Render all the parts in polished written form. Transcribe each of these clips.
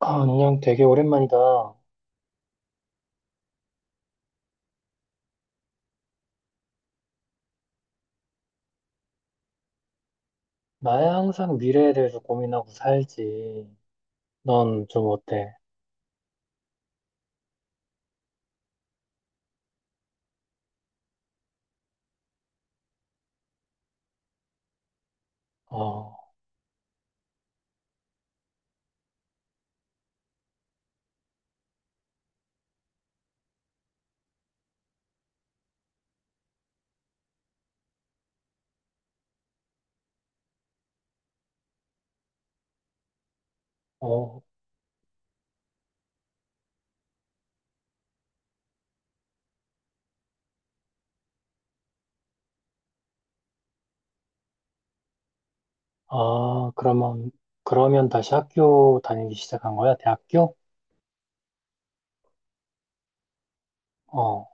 아, 안녕, 되게 오랜만이다. 나야 항상 미래에 대해서 고민하고 살지. 넌 좀 어때? 어, 어, 아, 그러면 다시 학교 다니기 시작한 거야? 대학교? 어,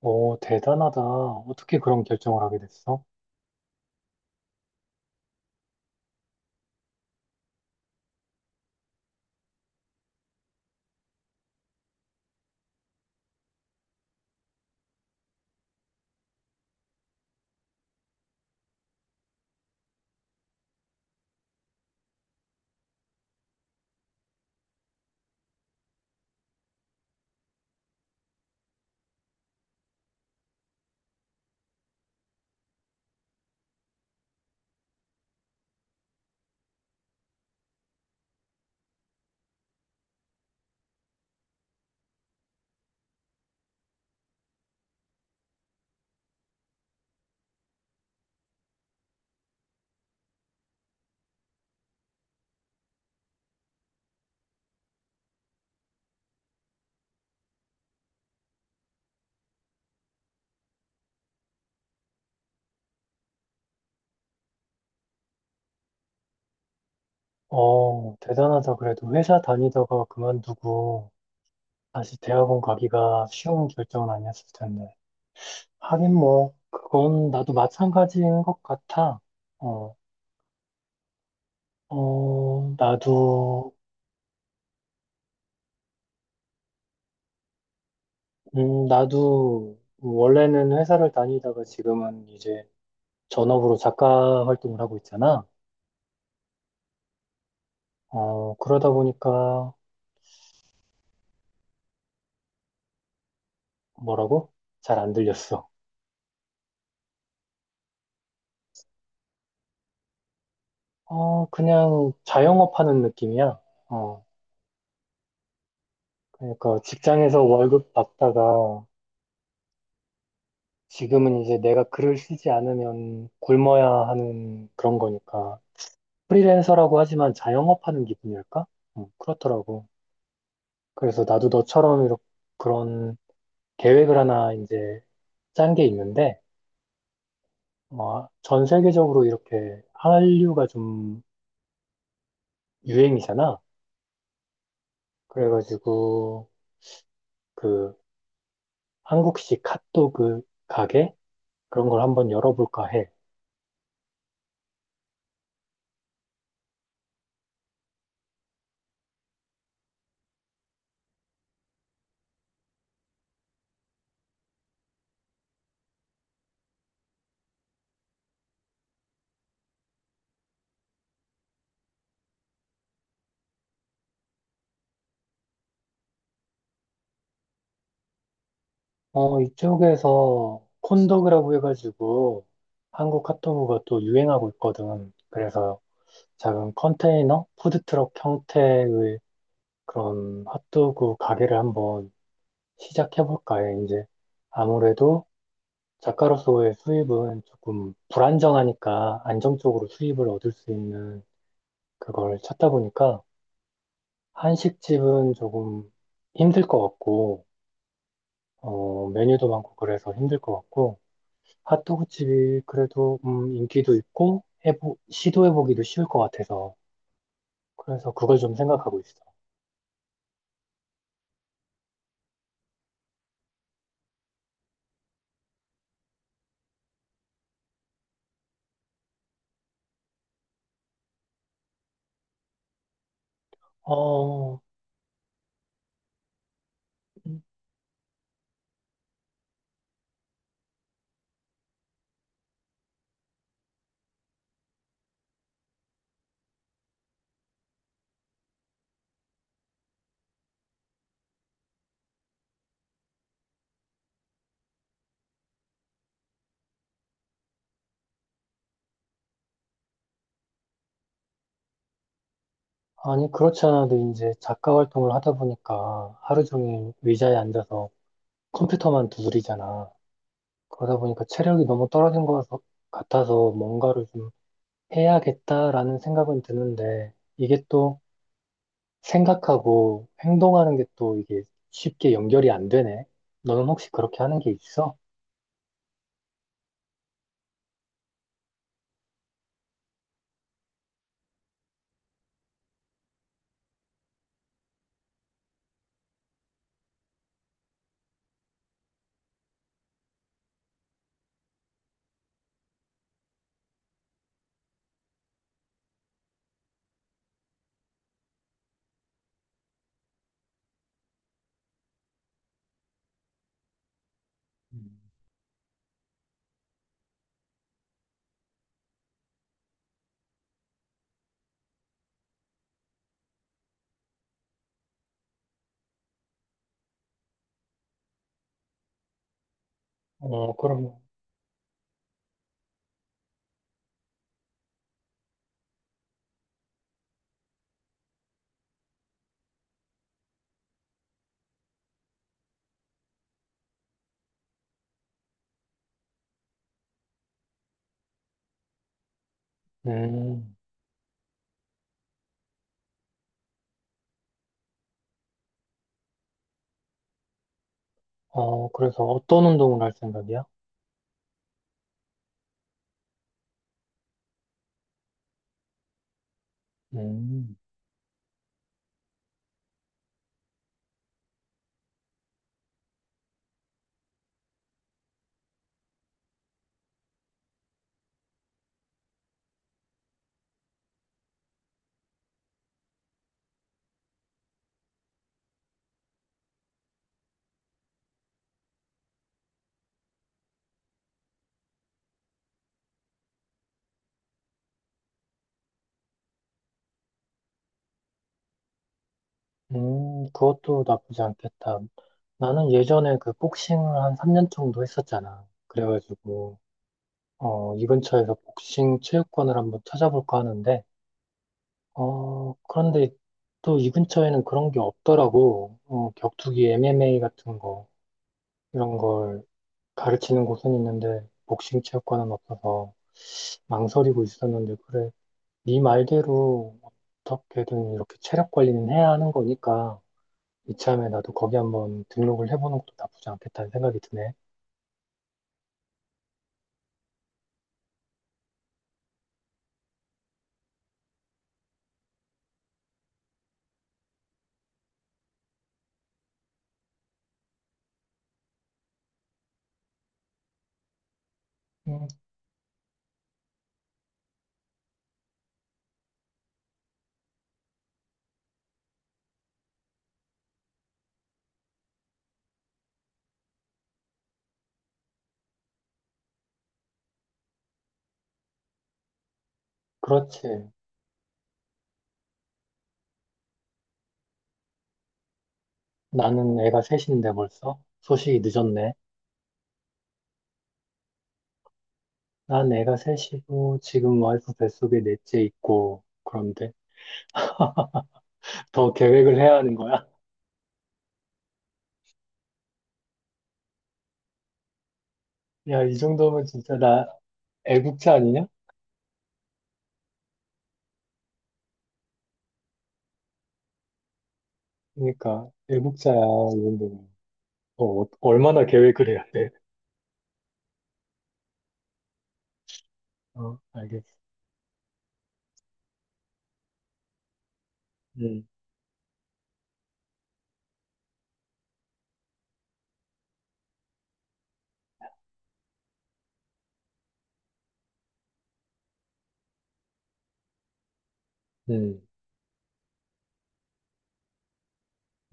오, 대단하다. 어떻게 그런 결정을 하게 됐어? 어, 대단하다. 그래도 회사 다니다가 그만두고 다시 대학원 가기가 쉬운 결정은 아니었을 텐데. 하긴 뭐, 그건 나도 마찬가지인 것 같아. 어, 나도 나도 원래는 회사를 다니다가 지금은 이제 전업으로 작가 활동을 하고 있잖아. 어, 그러다 보니까 뭐라고? 잘 안 들렸어. 어, 그냥 자영업 하는 느낌이야. 어, 그러니까 직장에서 월급 받다가 지금은 이제 내가 글을 쓰지 않으면 굶어야 하는 그런 거니까. 프리랜서라고 하지만 자영업 하는 기분일까? 그렇더라고. 그래서 나도 너처럼 이렇게 그런 계획을 하나 이제 짠 게 있는데, 어, 전 세계적으로 이렇게 한류가 좀 유행이잖아. 그래가지고, 그, 한국식 핫도그 가게? 그런 걸 한번 열어볼까 해. 어, 이쪽에서 콘도그라고 해가지고, 한국 핫도그가 또 유행하고 있거든. 그래서 작은 컨테이너? 푸드트럭 형태의 그런 핫도그 가게를 한번 시작해볼까 해. 이제 아무래도 작가로서의 수입은 조금 불안정하니까 안정적으로 수입을 얻을 수 있는 그걸 찾다 보니까 한식집은 조금 힘들 것 같고, 어, 메뉴도 많고 그래서 힘들 것 같고, 핫도그집이 그래도 인기도 있고, 시도해보기도 쉬울 것 같아서, 그래서 그걸 좀 생각하고 있어. 어, 아니, 그렇지 않아도 이제 작가 활동을 하다 보니까 하루 종일 의자에 앉아서 컴퓨터만 두드리잖아. 그러다 보니까 체력이 너무 떨어진 것 같아서 뭔가를 좀 해야겠다라는 생각은 드는데 이게 또 생각하고 행동하는 게 또 이게 쉽게 연결이 안 되네. 너는 혹시 그렇게 하는 게 있어? 음. 어, 그럼, 음, 어, 그래서 어떤 운동을 할 생각이야? 음, 그것도 나쁘지 않겠다. 나는 예전에 그 복싱을 한 3년 정도 했었잖아. 그래가지고, 어, 이 근처에서 복싱 체육관을 한번 찾아볼까 하는데, 어, 그런데 또 이 근처에는 그런 게 없더라고. 어, 격투기 MMA 같은 거, 이런 걸 가르치는 곳은 있는데, 복싱 체육관은 없어서 망설이고 있었는데, 그래. 네 말대로 어떻게든 이렇게 체력 관리는 해야 하는 거니까, 이참에 나도 거기 한번 등록을 해보는 것도 나쁘지 않겠다는 생각이 드네. 음, 그렇지. 나는 애가 셋인데 벌써? 소식이 늦었네. 난 애가 셋이고, 지금 와이프 뱃속에 넷째 있고, 그런데 더 계획을 해야 하는 거야? 야, 이 정도면 진짜 나 애국자 아니냐? 그러니까 애국자야, 이 정도면. 어, 얼마나 계획을 해야 돼? 어, 알겠어. 음, 음,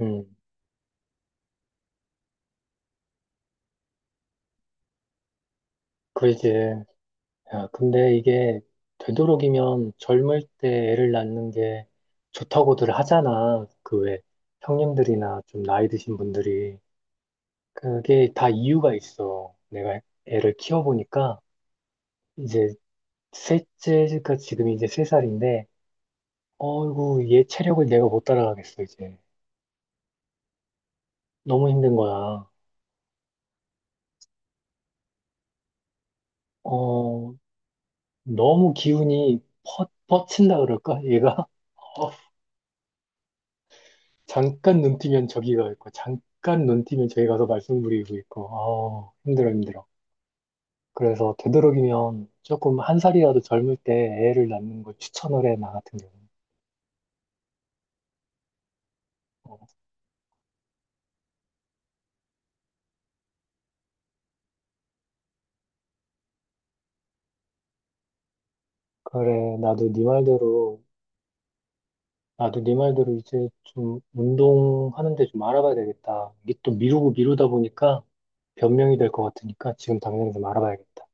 음. 그러지. 야, 근데 이게 되도록이면 젊을 때 애를 낳는 게 좋다고들 하잖아. 그 왜 형님들이나 좀 나이 드신 분들이. 그게 다 이유가 있어. 내가 애를 키워보니까 이제 셋째가 지금 이제 세 살인데 어이구, 얘 체력을 내가 못 따라가겠어, 이제. 너무 힘든 거야. 어, 너무 기운이 퍼친다 그럴까? 얘가? 어, 잠깐 눈 뜨면 저기 가 있고, 잠깐 눈 뜨면 저기 가서 말썽 부리고 있고, 아 힘들어, 힘들어. 그래서 되도록이면 조금 한 살이라도 젊을 때 애를 낳는 걸 추천을 해, 나 같은 경우는. 어, 그래, 나도 네 말대로 이제 좀 운동하는데 좀 알아봐야 되겠다. 이게 또 미루고 미루다 보니까 변명이 될 것 같으니까 지금 당장 좀 알아봐야겠다.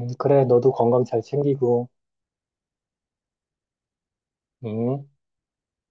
그래, 너도 건강 잘 챙기고, 응?